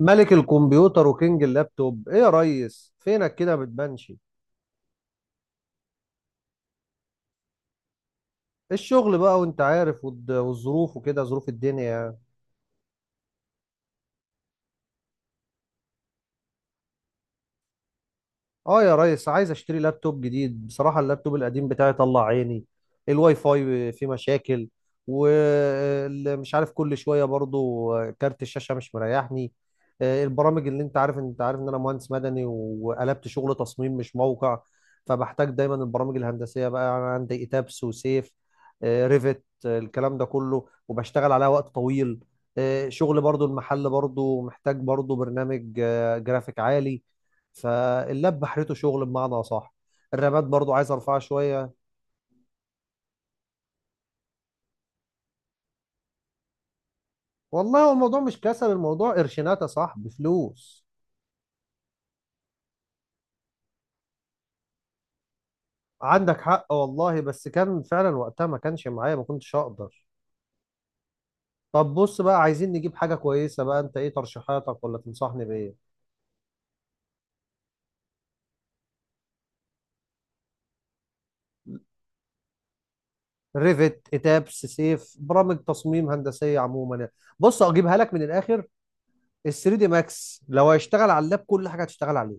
ملك الكمبيوتر وكينج اللابتوب، ايه يا ريس؟ فينك كده ما بتبانش؟ الشغل بقى وانت عارف، والظروف وكده، ظروف الدنيا يعني. اه يا ريس، عايز اشتري لابتوب جديد بصراحة. اللابتوب القديم بتاعي طلع عيني. الواي فاي فيه مشاكل، ومش عارف كل شوية برضو. كارت الشاشة مش مريحني. البرامج اللي انت عارف ان انا مهندس مدني وقلبت شغل تصميم مش موقع. فبحتاج دايما البرامج الهندسية بقى. انا عندي ايتابس وسيف، ريفت، الكلام ده كله، وبشتغل عليها وقت طويل. شغل برضو، المحل برضو محتاج برضو برنامج جرافيك عالي. فاللاب بحرته شغل بمعنى اصح. الرامات برضو عايز ارفعها شويه. والله هو الموضوع مش كسل، الموضوع قرشينات يا صاحبي، فلوس. عندك حق والله، بس كان فعلا وقتها ما كانش معايا، ما كنتش اقدر. طب بص بقى، عايزين نجيب حاجه كويسه بقى، انت ايه ترشيحاتك، ولا تنصحني بايه؟ ريفت اتابس سيف، برامج تصميم هندسيه عموما يعني. بص اجيبها لك من الاخر. ال 3 دي ماكس لو هيشتغل على اللاب، كل حاجه هتشتغل عليه.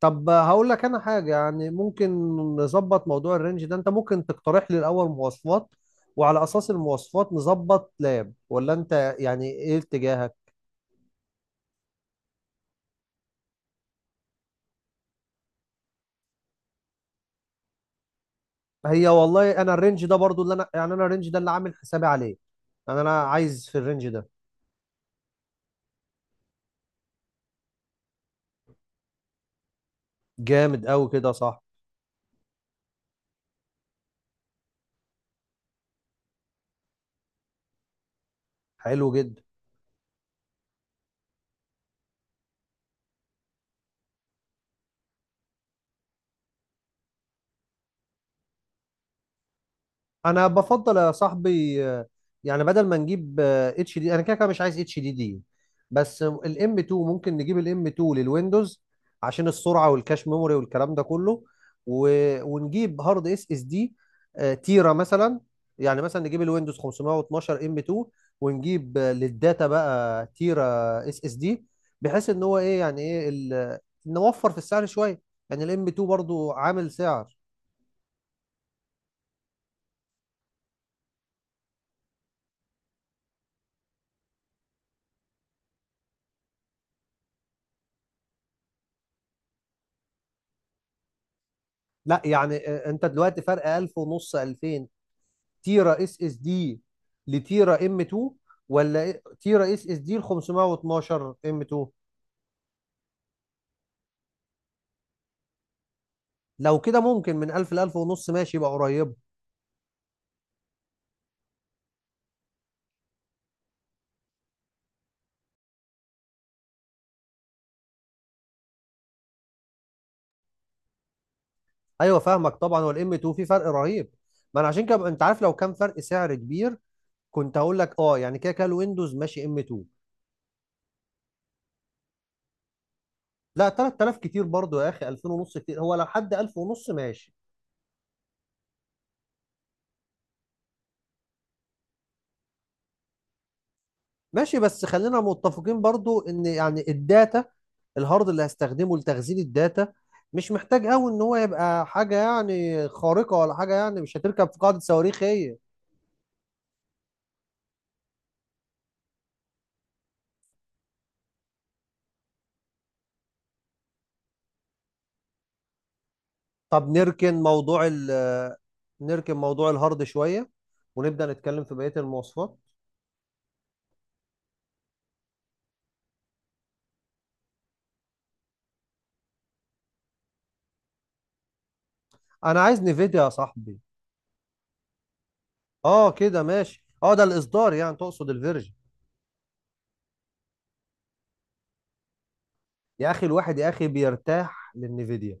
طب هقول لك انا حاجه يعني، ممكن نظبط موضوع الرينج ده. انت ممكن تقترح لي الاول مواصفات، وعلى اساس المواصفات نظبط لاب، ولا انت يعني ايه اتجاهك؟ هي والله انا الرينج ده برضو اللي انا يعني، انا الرينج ده اللي عامل حسابي عليه. انا عايز في الرينج ده. جامد قوي كده، صح. حلو جدا. انا بفضل يا صاحبي، يعني بدل ما نجيب اتش دي، انا كده كده مش عايز اتش دي دي. بس الام 2 ممكن نجيب الام 2 للويندوز، عشان السرعه والكاش ميموري والكلام ده كله. و... ونجيب هارد اس اس دي، تيرا مثلا. يعني مثلا نجيب الويندوز 512 ام 2، ونجيب للداتا بقى تيرا اس اس دي. بحيث ان هو ايه يعني نوفر في السعر شويه. يعني الام 2 برضو عامل سعر. لا يعني انت دلوقتي فرق 1000 ونص 2000، تيرا اس اس دي لتيرا ام 2، ولا تيرا اس اس دي ل 512 ام 2؟ لو كده ممكن من 1000 ل 1000 ونص ماشي، يبقى قريب. ايوه فاهمك، طبعا هو الام 2 في فرق رهيب. ما انا عشان كده انت عارف، لو كان فرق سعر كبير كنت هقول لك اه، يعني كده كده الويندوز ماشي ام 2. لا 3000 كتير برضو يا اخي، 2000 ونص كتير، هو لو حد 1000 ونص ماشي. ماشي، بس خلينا متفقين برضو ان يعني الداتا، الهارد اللي هستخدمه لتخزين الداتا مش محتاج قوي ان هو يبقى حاجة يعني خارقة، ولا حاجة يعني، مش هتركب في قاعدة صواريخ هي. طب نركن موضوع الهارد شوية، ونبدأ نتكلم في بقية المواصفات. انا عايز نفيديا يا صاحبي. اه كده ماشي، اه ده الاصدار يعني، تقصد الفيرجن. يا اخي الواحد يا اخي بيرتاح للنفيديا.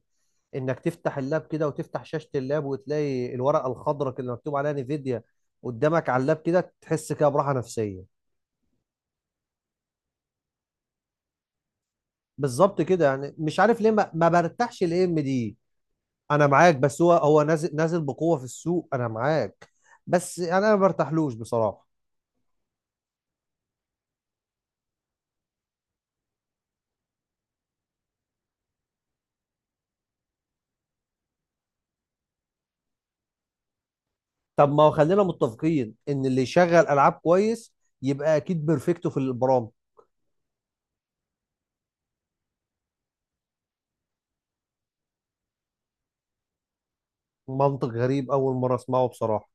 انك تفتح اللاب كده وتفتح شاشة اللاب، وتلاقي الورقة الخضراء كده اللي مكتوب عليها نيفيديا قدامك على اللاب كده، تحس كده براحة نفسية. بالظبط كده، يعني مش عارف ليه ما برتاحش الاي ام دي. انا معاك، بس هو نازل نازل بقوة في السوق، انا معاك. بس يعني انا ما برتاحلوش بصراحة. طب ما هو خلينا متفقين ان اللي يشغل العاب كويس يبقى اكيد بيرفكتو في البرامج. منطق غريب، اول مرة اسمعه بصراحة.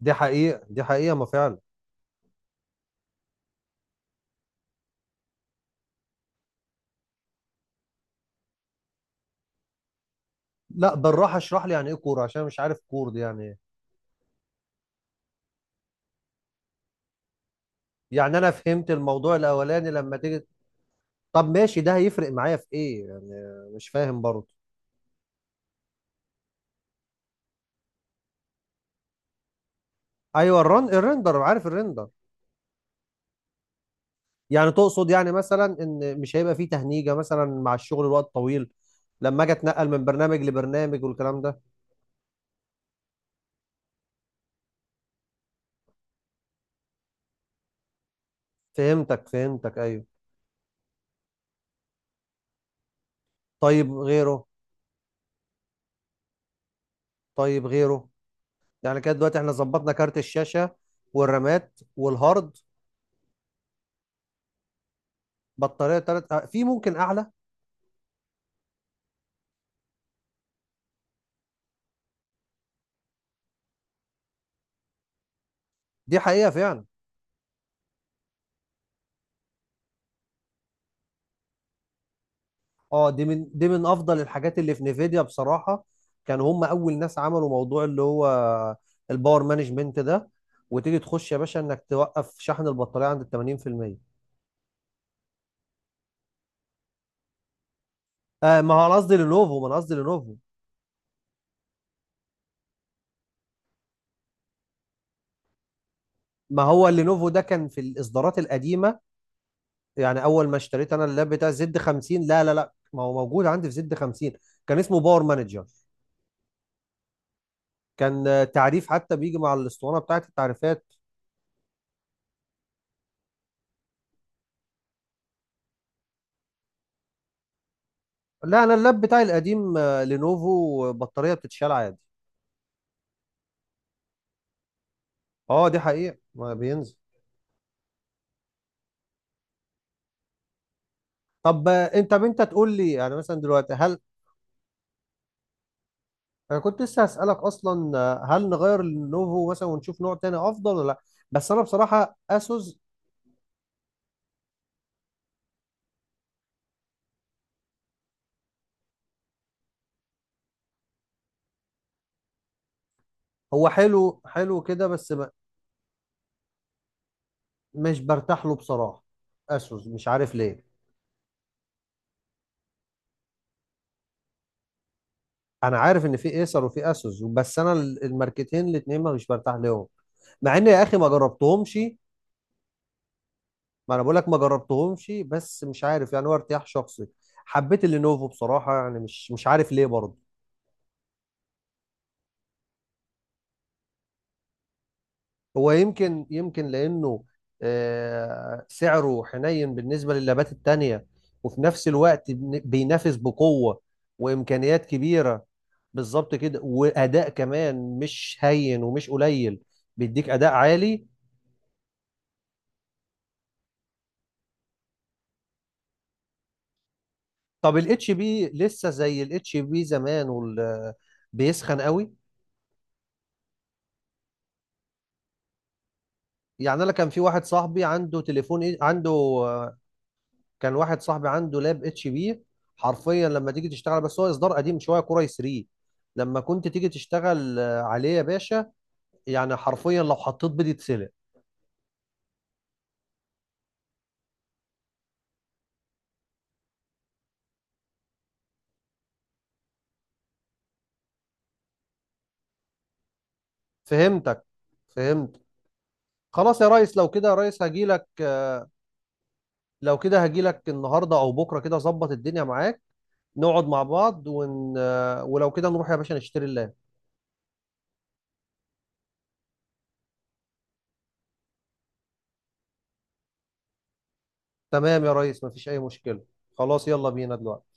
دي حقيقة دي حقيقة ما فعلا. لا بالراحة اشرح لي يعني ايه كور، عشان مش عارف كور دي يعني. يعني انا فهمت الموضوع الاولاني لما تيجي. طب ماشي، ده هيفرق معايا في ايه يعني؟ مش فاهم برضه. ايوه، الريندر، عارف الريندر. يعني تقصد يعني مثلا ان مش هيبقى فيه تهنيجه مثلا مع الشغل الوقت طويل، لما اجي اتنقل من برنامج لبرنامج والكلام ده. فهمتك فهمتك، ايوه. طيب غيره. طيب غيره. يعني كده دلوقتي احنا ظبطنا كارت الشاشه والرامات والهارد. بطاريه تلات، في ممكن اعلى. دي حقيقه فعلا. اه دي من افضل الحاجات اللي في نيفيديا بصراحه. كانوا هم اول ناس عملوا موضوع اللي هو الباور مانجمنت ده، وتيجي تخش يا باشا انك توقف شحن البطاريه عند ال 80%. آه، ما هو انا قصدي لينوفو، ما انا قصدي لينوفو. ما هو اللينوفو ده كان في الاصدارات القديمه. يعني اول ما اشتريت انا اللاب بتاع زد 50، لا لا لا، ما هو موجود عندي في زد 50. كان اسمه باور مانجر. كان تعريف حتى بيجي مع الاسطوانه بتاعت التعريفات. لا انا اللاب بتاعي القديم لينوفو، بطاريه بتتشال عادي. اه دي حقيقة ما بينزل. طب انت تقول لي يعني مثلا دلوقتي هل، انا كنت لسه هسألك اصلا، هل نغير النوفو مثلا ونشوف نوع تاني افضل، ولا لا. بس انا بصراحة اسوس، هو حلو حلو كده بس مش برتاح له بصراحة، اسوس مش عارف ليه. انا عارف ان في ايسر وفي اسوس، بس انا الماركتين الاتنين ما مش برتاح لهم، مع ان يا اخي ما جربتهمش. ما انا بقول لك ما جربتهمش، بس مش عارف، يعني هو ارتياح شخصي. حبيت اللينوفو بصراحة، يعني مش عارف ليه برضه. هو يمكن يمكن لأنه سعره حنين بالنسبة للابات التانية، وفي نفس الوقت بينافس بقوة، وإمكانيات كبيرة. بالظبط كده، وأداء كمان مش هين ومش قليل، بيديك أداء عالي. طب الاتش بي لسه زي الاتش بي زمان بيسخن قوي؟ يعني أنا كان في واحد صاحبي عنده تليفون عنده، كان واحد صاحبي عنده لاب اتش بي، حرفيا لما تيجي تشتغل، بس هو اصدار قديم شويه، كور اي 3، لما كنت تيجي تشتغل عليه يا باشا، يعني حرفيا لو حطيت بيض يتسلق. فهمتك. فهمت. خلاص يا ريس، لو كده يا ريس هجيلك، لو كده هجيلك النهارده او بكره كده، ظبط الدنيا معاك. نقعد مع بعض ون... آه، ولو كده نروح يا باشا نشتري اللاب. تمام يا ريس، مفيش اي مشكله. خلاص يلا بينا دلوقتي.